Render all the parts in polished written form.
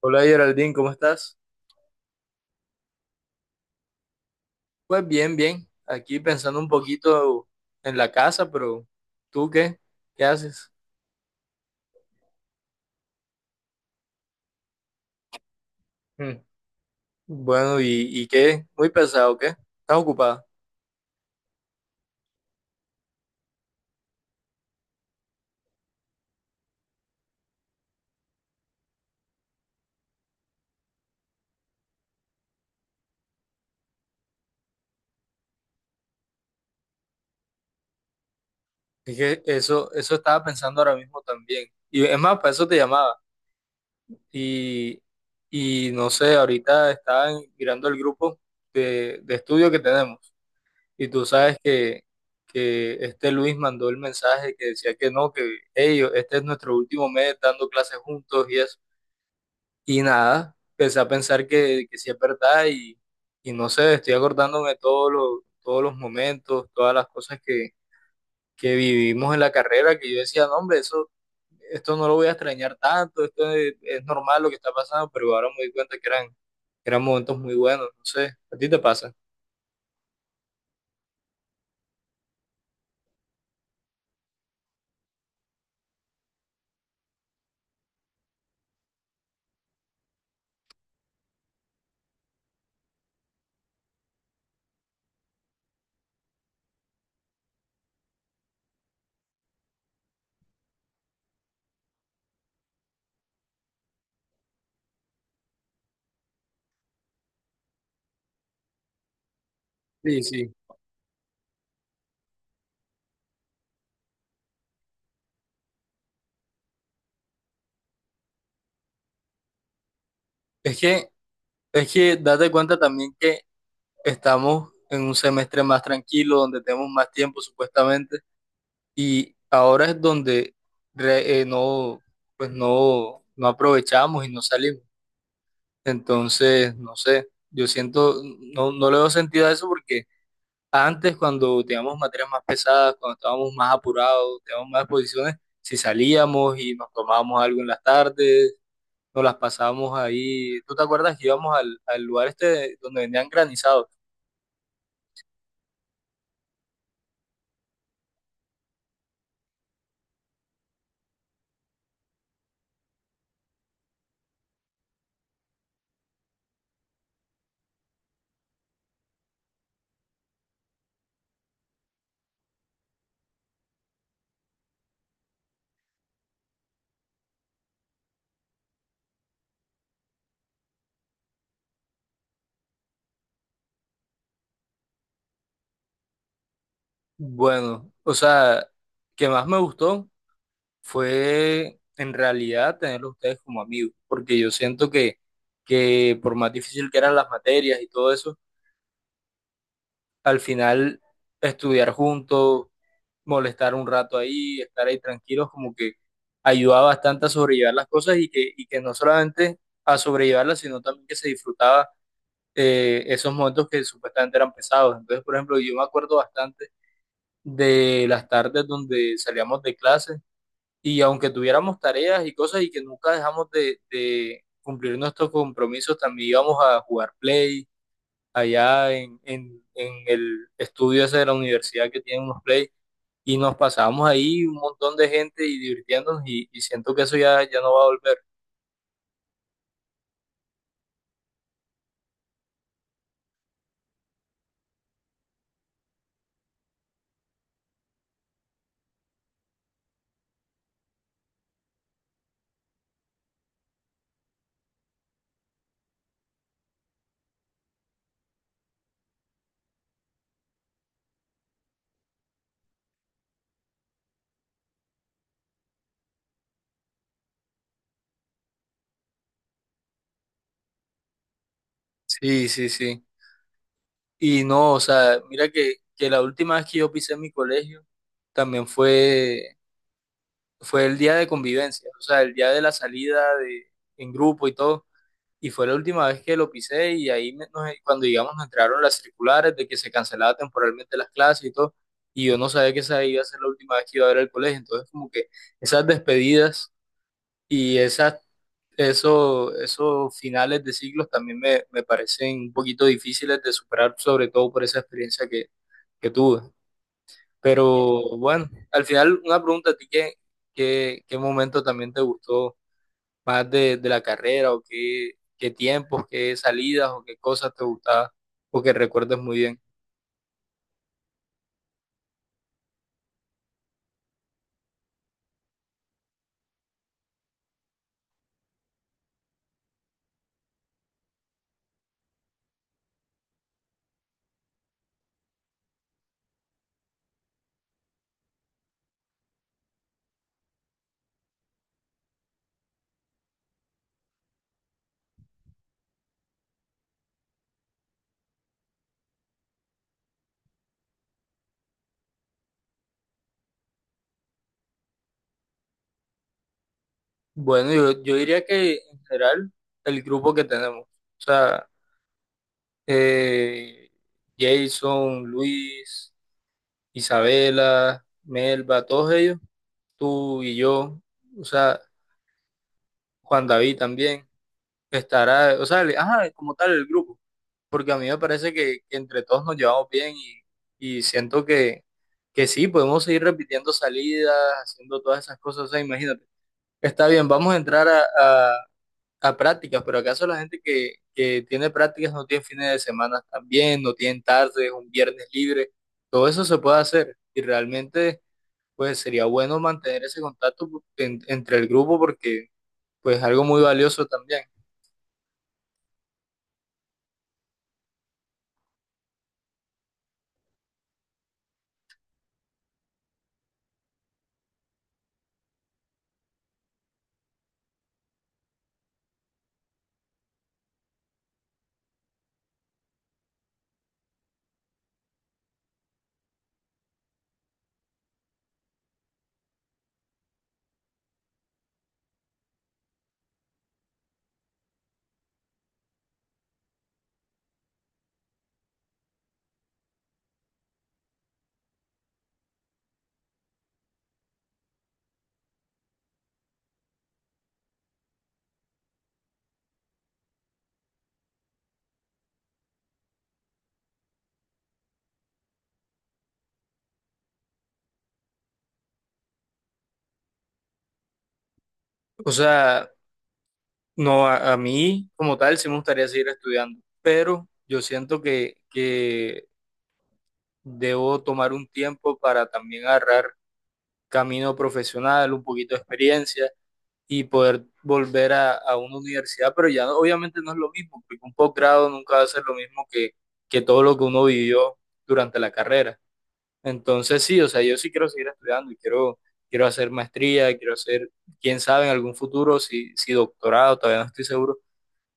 Hola Geraldine, ¿cómo estás? Pues bien, bien. Aquí pensando un poquito en la casa, pero ¿tú qué? ¿Qué haces? Mm. Bueno, ¿y qué? Muy pesado, ¿qué? ¿Estás ocupada? Es que eso estaba pensando ahora mismo también. Y es más, para eso te llamaba. Y, y no sé, ahorita mirando el grupo de estudio que tenemos. Y tú sabes que este Luis mandó el mensaje que decía que no, que ellos, este es nuestro último mes dando clases juntos y eso. Y nada, empecé a pensar que sí es verdad y no sé, estoy acordándome de todos los momentos, todas las cosas que vivimos en la carrera, que yo decía, no, hombre, eso, esto no lo voy a extrañar tanto, esto es normal lo que está pasando, pero ahora me doy cuenta que eran momentos muy buenos, no sé, ¿a ti te pasa? Sí, sí. Es que, es que date cuenta también que estamos en un semestre más tranquilo, donde tenemos más tiempo supuestamente. Y ahora es donde no, pues no, no aprovechamos y no salimos. Entonces, no sé, yo siento, no, no le doy sentido a eso porque antes cuando teníamos materias más pesadas, cuando estábamos más apurados, teníamos más exposiciones, si salíamos y nos tomábamos algo en las tardes, nos las pasábamos ahí. ¿Tú te acuerdas que íbamos al lugar este donde vendían granizados? Bueno, o sea, que más me gustó fue en realidad tenerlos ustedes como amigos, porque yo siento que por más difícil que eran las materias y todo eso, al final estudiar juntos, molestar un rato ahí, estar ahí tranquilos, como que ayudaba bastante a sobrellevar las cosas y que no solamente a sobrellevarlas, sino también que se disfrutaba esos momentos que supuestamente eran pesados. Entonces, por ejemplo, yo me acuerdo bastante de las tardes donde salíamos de clase. Y aunque tuviéramos tareas y cosas y que nunca dejamos de cumplir nuestros compromisos, también íbamos a jugar play allá en el estudio ese de la universidad que tiene unos play y nos pasábamos ahí un montón de gente y divirtiéndonos y siento que ya no va a volver. Sí, sí, sí. Y no, o sea, mira que la última vez que yo pisé mi colegio también fue el día de convivencia, o sea, el día de la salida de, en grupo y todo. Y fue la última vez que lo pisé y ahí cuando digamos nos entregaron las circulares de que se cancelaba temporalmente las clases y todo. Y yo no sabía que esa iba a ser la última vez que iba a ver el colegio. Entonces como que esas despedidas y esas, eso, esos finales de ciclos también me parecen un poquito difíciles de superar, sobre todo por esa experiencia que tuve. Pero bueno, al final una pregunta a ti, ¿ qué momento también te gustó más de la carrera o qué, qué tiempos, qué salidas o qué cosas te gustaba o que recuerdes muy bien. Bueno, yo diría que en general el grupo que tenemos, o sea, eh, Jason, Luis, Isabela, Melba, todos ellos, tú y yo, o sea, Juan David también, estará, o sea, ajá, como tal el grupo. Porque a mí me parece que entre todos nos llevamos bien y siento que sí, podemos seguir repitiendo salidas, haciendo todas esas cosas. O sea, imagínate, está bien, vamos a entrar a prácticas, pero ¿acaso la gente que tiene prácticas no tiene fines de semana también, no tienen tardes, un viernes libre? Todo eso se puede hacer y realmente pues sería bueno mantener ese contacto entre el grupo porque pues algo muy valioso también. O sea, no, a mí como tal sí me gustaría seguir estudiando, pero yo siento que debo tomar un tiempo para también agarrar camino profesional, un poquito de experiencia y poder volver a una universidad, pero obviamente no es lo mismo, porque un posgrado nunca va a ser lo mismo que todo lo que uno vivió durante la carrera. Entonces sí, o sea, yo sí quiero seguir estudiando y quiero, quiero hacer maestría, quiero hacer, quién sabe, en algún futuro, si doctorado, todavía no estoy seguro,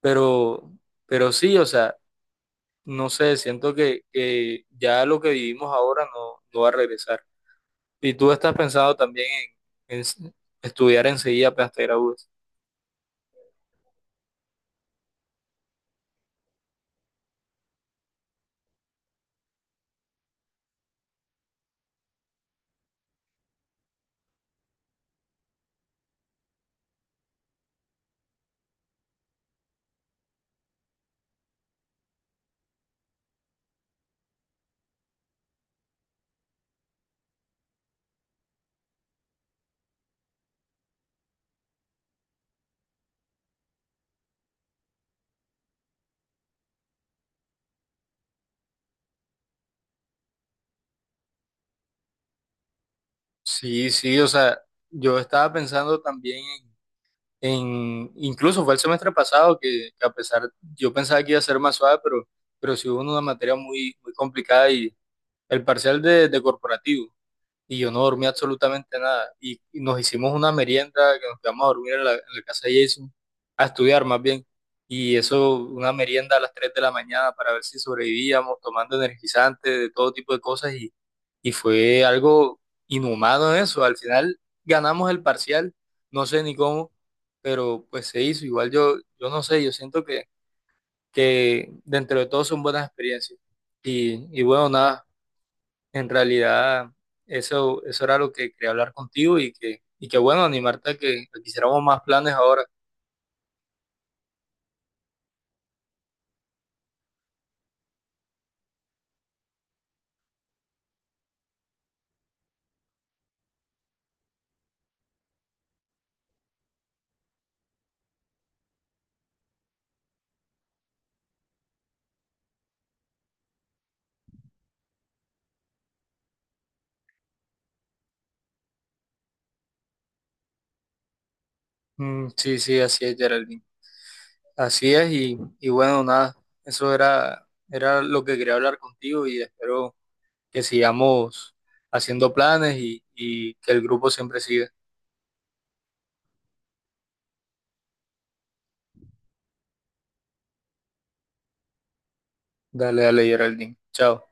pero, pero sí, o sea, no sé, siento que ya lo que vivimos ahora no, no va a regresar. Y tú estás pensado también en, estudiar enseguida apenas te gradúes. Sí, sí, o sea, yo estaba pensando también en, incluso fue el semestre pasado que a pesar, yo pensaba que iba a ser más suave, pero sí hubo una materia muy complicada y el parcial de corporativo. Y yo no dormí absolutamente nada. Y nos hicimos una merienda que nos quedamos a dormir en la casa de Jason, a estudiar más bien. Y eso, una merienda a las 3 de la mañana para ver si sobrevivíamos, tomando energizantes, de todo tipo de cosas. Y fue algo inhumano eso. Al final ganamos el parcial, no sé ni cómo, pero pues se hizo. Igual yo, yo no sé, yo siento que dentro de todo son buenas experiencias. Y bueno, nada, en realidad, eso era lo que quería hablar contigo y que bueno, animarte a a que hiciéramos más planes ahora. Mm, sí, sí, así es, Geraldine. Así es, y bueno, nada, eso era, era lo que quería hablar contigo y espero que sigamos haciendo planes y que el grupo siempre siga. Dale, dale, Geraldine. Chao.